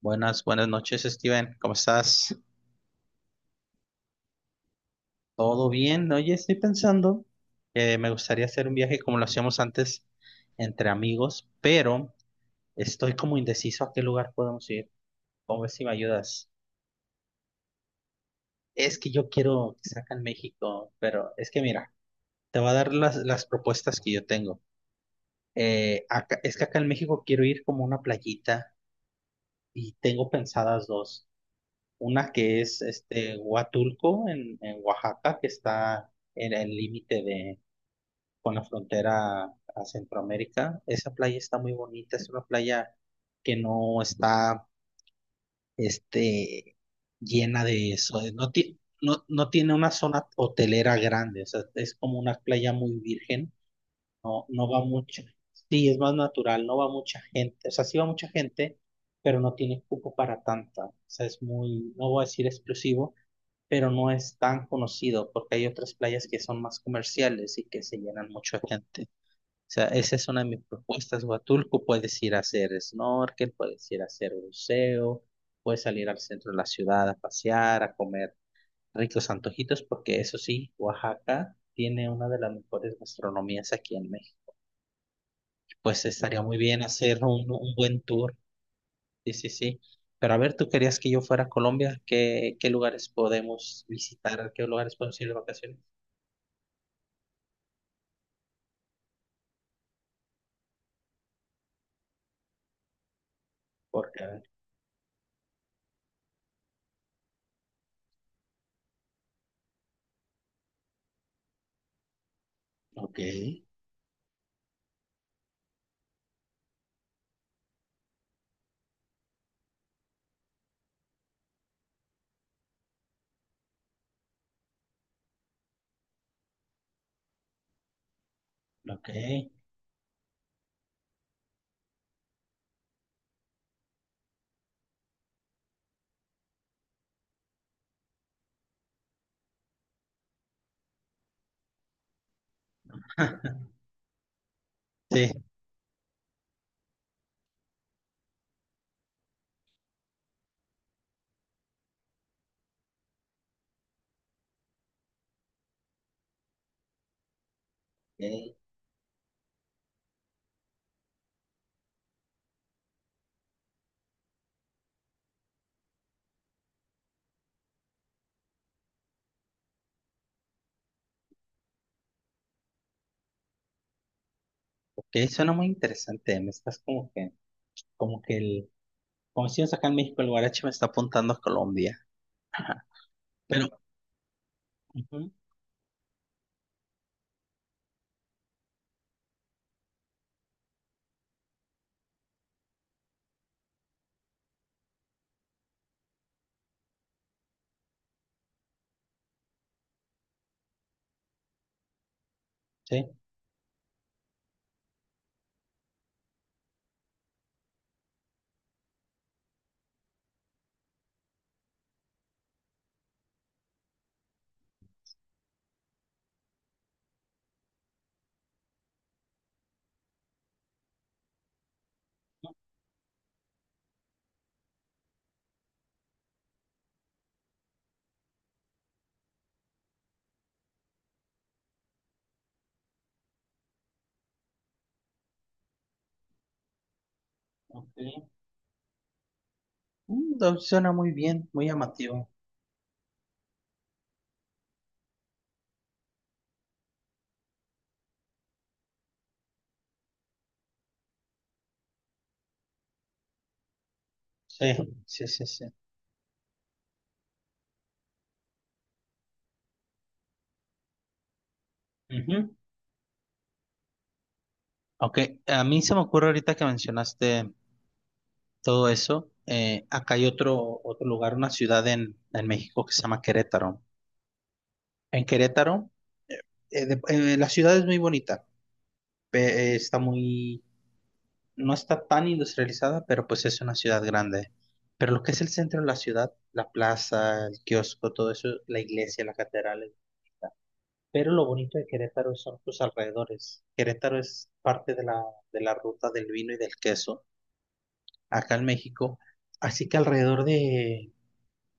Buenas, buenas noches, Steven. ¿Cómo estás? ¿Todo bien? Oye, estoy pensando que me gustaría hacer un viaje como lo hacíamos antes entre amigos, pero estoy como indeciso a qué lugar podemos ir. ¿Cómo ves si me ayudas? Es que yo quiero que sea México, pero es que mira, te voy a dar las propuestas que yo tengo. Es que acá en México quiero ir como a una playita y tengo pensadas dos. Una que es Huatulco en Oaxaca, que está en el límite de con la frontera a Centroamérica. Esa playa está muy bonita, es una playa que no está este llena de eso, no, no, no tiene una zona hotelera grande, o sea, es como una playa muy virgen, no, no va mucha, sí, es más natural, no va mucha gente, o sea, sí va mucha gente, pero no tiene cupo para tanta, o sea, es muy, no voy a decir exclusivo pero no es tan conocido porque hay otras playas que son más comerciales y que se llenan mucho de gente. O sea, esa es una de mis propuestas. Huatulco, puedes ir a hacer snorkel, puedes ir a hacer buceo, puedes salir al centro de la ciudad a pasear, a comer ricos antojitos, porque eso sí, Oaxaca tiene una de las mejores gastronomías aquí en México. Pues estaría muy bien hacer un buen tour. Sí, sí, sí. Pero a ver, tú querías que yo fuera a Colombia, ¿qué, qué lugares podemos visitar? ¿Qué lugares podemos ir de vacaciones? Porque, ok, ok. Sí, ok, ok, suena muy interesante. Me estás como que el, como decimos acá en México, el guarache me está apuntando a Colombia. Ajá. Pero, ujú, sí, ok. Mm, no, suena muy bien, muy llamativo. Sí, sí, sí, sí. Ujú. Ok, a mí se me ocurre ahorita que mencionaste todo eso. Acá hay otro, otro lugar, una ciudad en México que se llama Querétaro. En Querétaro, la ciudad es muy bonita. Está muy, no está tan industrializada, pero pues es una ciudad grande. Pero lo que es el centro de la ciudad, la plaza, el kiosco, todo eso, la iglesia, la catedral es bonita. Pero lo bonito de Querétaro son sus alrededores. Querétaro es parte de de la ruta del vino y del queso acá en México. Así que alrededor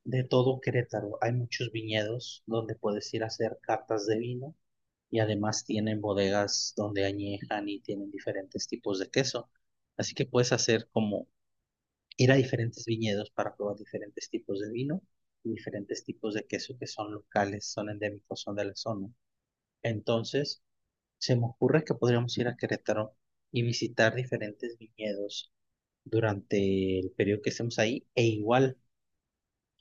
de todo Querétaro hay muchos viñedos donde puedes ir a hacer catas de vino y además tienen bodegas donde añejan y tienen diferentes tipos de queso. Así que puedes hacer como ir a diferentes viñedos para probar diferentes tipos de vino y diferentes tipos de queso que son locales, son endémicos, son de la zona. Entonces, se me ocurre que podríamos ir a Querétaro y visitar diferentes viñedos durante el periodo que estemos ahí e igual.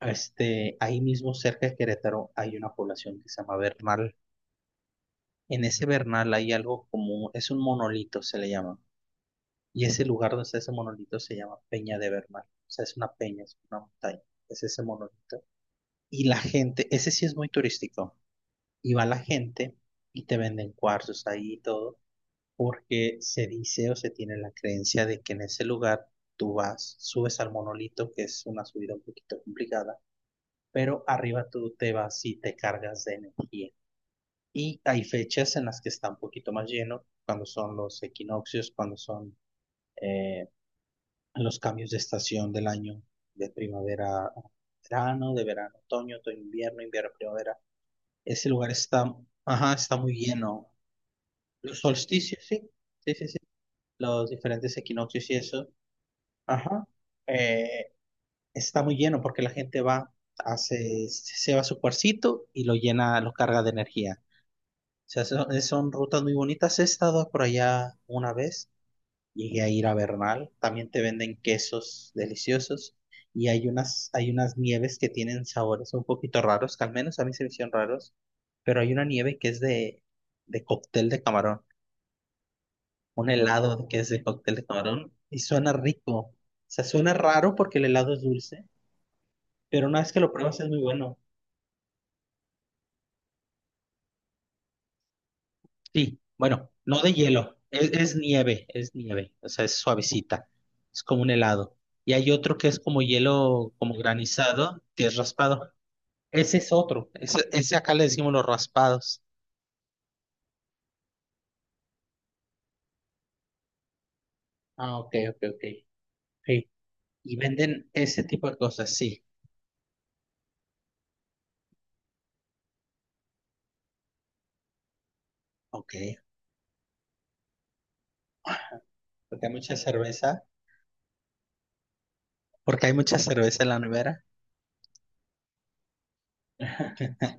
Ahí mismo cerca de Querétaro hay una población que se llama Bernal. En ese Bernal hay algo como, es un monolito, se le llama. Y ese lugar donde está ese monolito se llama Peña de Bernal. O sea, es una peña, es una montaña. Es ese monolito. Y la gente, ese sí es muy turístico. Y va la gente y te venden cuarzos ahí y todo, porque se dice o se tiene la creencia de que en ese lugar tú vas, subes al monolito, que es una subida un poquito complicada, pero arriba tú te vas y te cargas de energía. Y hay fechas en las que está un poquito más lleno, cuando son los equinoccios, cuando son eh, los cambios de estación del año, de primavera a verano, de verano a otoño, otoño a invierno, invierno a primavera. Ese lugar está, ajá, está muy lleno. Los solsticios, sí, sí, sí, sí. Los diferentes equinoccios y eso, ajá, eh, está muy lleno porque la gente va, hace, se va a su cuarcito y lo llena, lo carga de energía. Sea, son, son rutas muy bonitas. He estado por allá una vez, llegué a ir a Bernal, también te venden quesos deliciosos y hay unas nieves que tienen sabores un poquito raros, que al menos a mí se me hicieron raros, pero hay una nieve que es de cóctel de camarón, un helado que es de cóctel de camarón y suena rico. O sea, suena raro porque el helado es dulce, pero una vez que lo pruebas es muy bueno. Sí, bueno, no de hielo, es nieve, o sea, es suavecita, es como un helado. Y hay otro que es como hielo, como granizado, que es raspado. Ese es otro, ese acá le decimos los raspados. Ah, ok, ok, ok. Sí. Y venden ese tipo de cosas, sí. Ok, porque hay mucha cerveza, porque hay mucha cerveza en la nevera.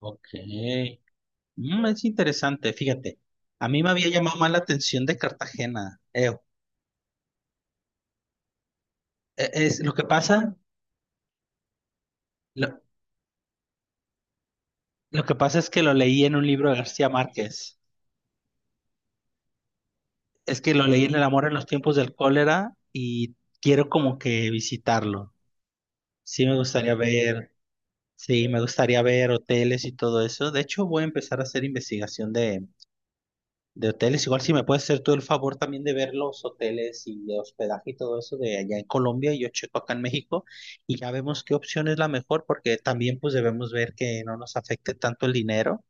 Ok, mm, es interesante, fíjate. A mí me había llamado más la atención de Cartagena. Eo. Es lo que pasa, lo, Lo que pasa es que lo leí en un libro de García Márquez. Es que lo leí en El amor en los tiempos del cólera y quiero como que visitarlo. Sí, me gustaría ver, sí, me gustaría ver hoteles y todo eso. De hecho, voy a empezar a hacer investigación de hoteles. Igual si me puedes hacer tú el favor también de ver los hoteles y de hospedaje y todo eso de allá en Colombia y yo checo acá en México y ya vemos qué opción es la mejor porque también pues debemos ver que no nos afecte tanto el dinero.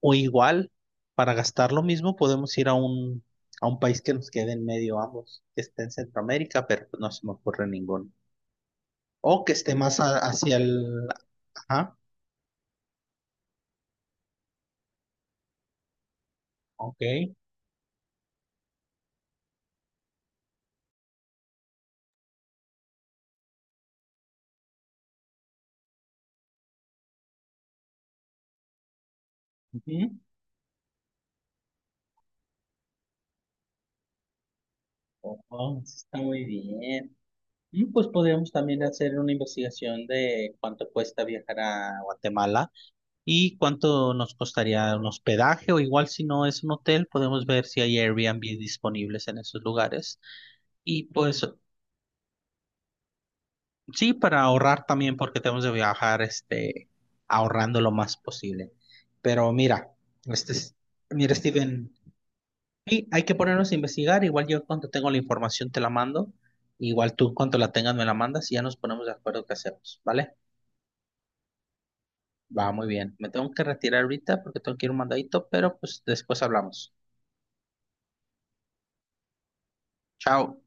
O igual, para gastar lo mismo, podemos ir a un país que nos quede en medio ambos, que esté en Centroamérica, pero pues, no se me ocurre ninguno. O que esté más hacia el... Ajá, ok. Ujú. Oh, eso está muy bien. Mm, pues podemos también hacer una investigación de cuánto cuesta viajar a Guatemala y cuánto nos costaría un hospedaje o igual si no es un hotel, podemos ver si hay Airbnb disponibles en esos lugares. Y pues sí, para ahorrar también porque tenemos de viajar ahorrando lo más posible. Pero mira, este es- mira, Steven, sí, hay que ponernos a investigar. Igual yo cuando tengo la información te la mando. Igual tú cuando la tengas me la mandas y ya nos ponemos de acuerdo qué hacemos, ¿vale? Va muy bien. Me tengo que retirar ahorita porque tengo que ir a un mandadito, pero pues después hablamos. Chao.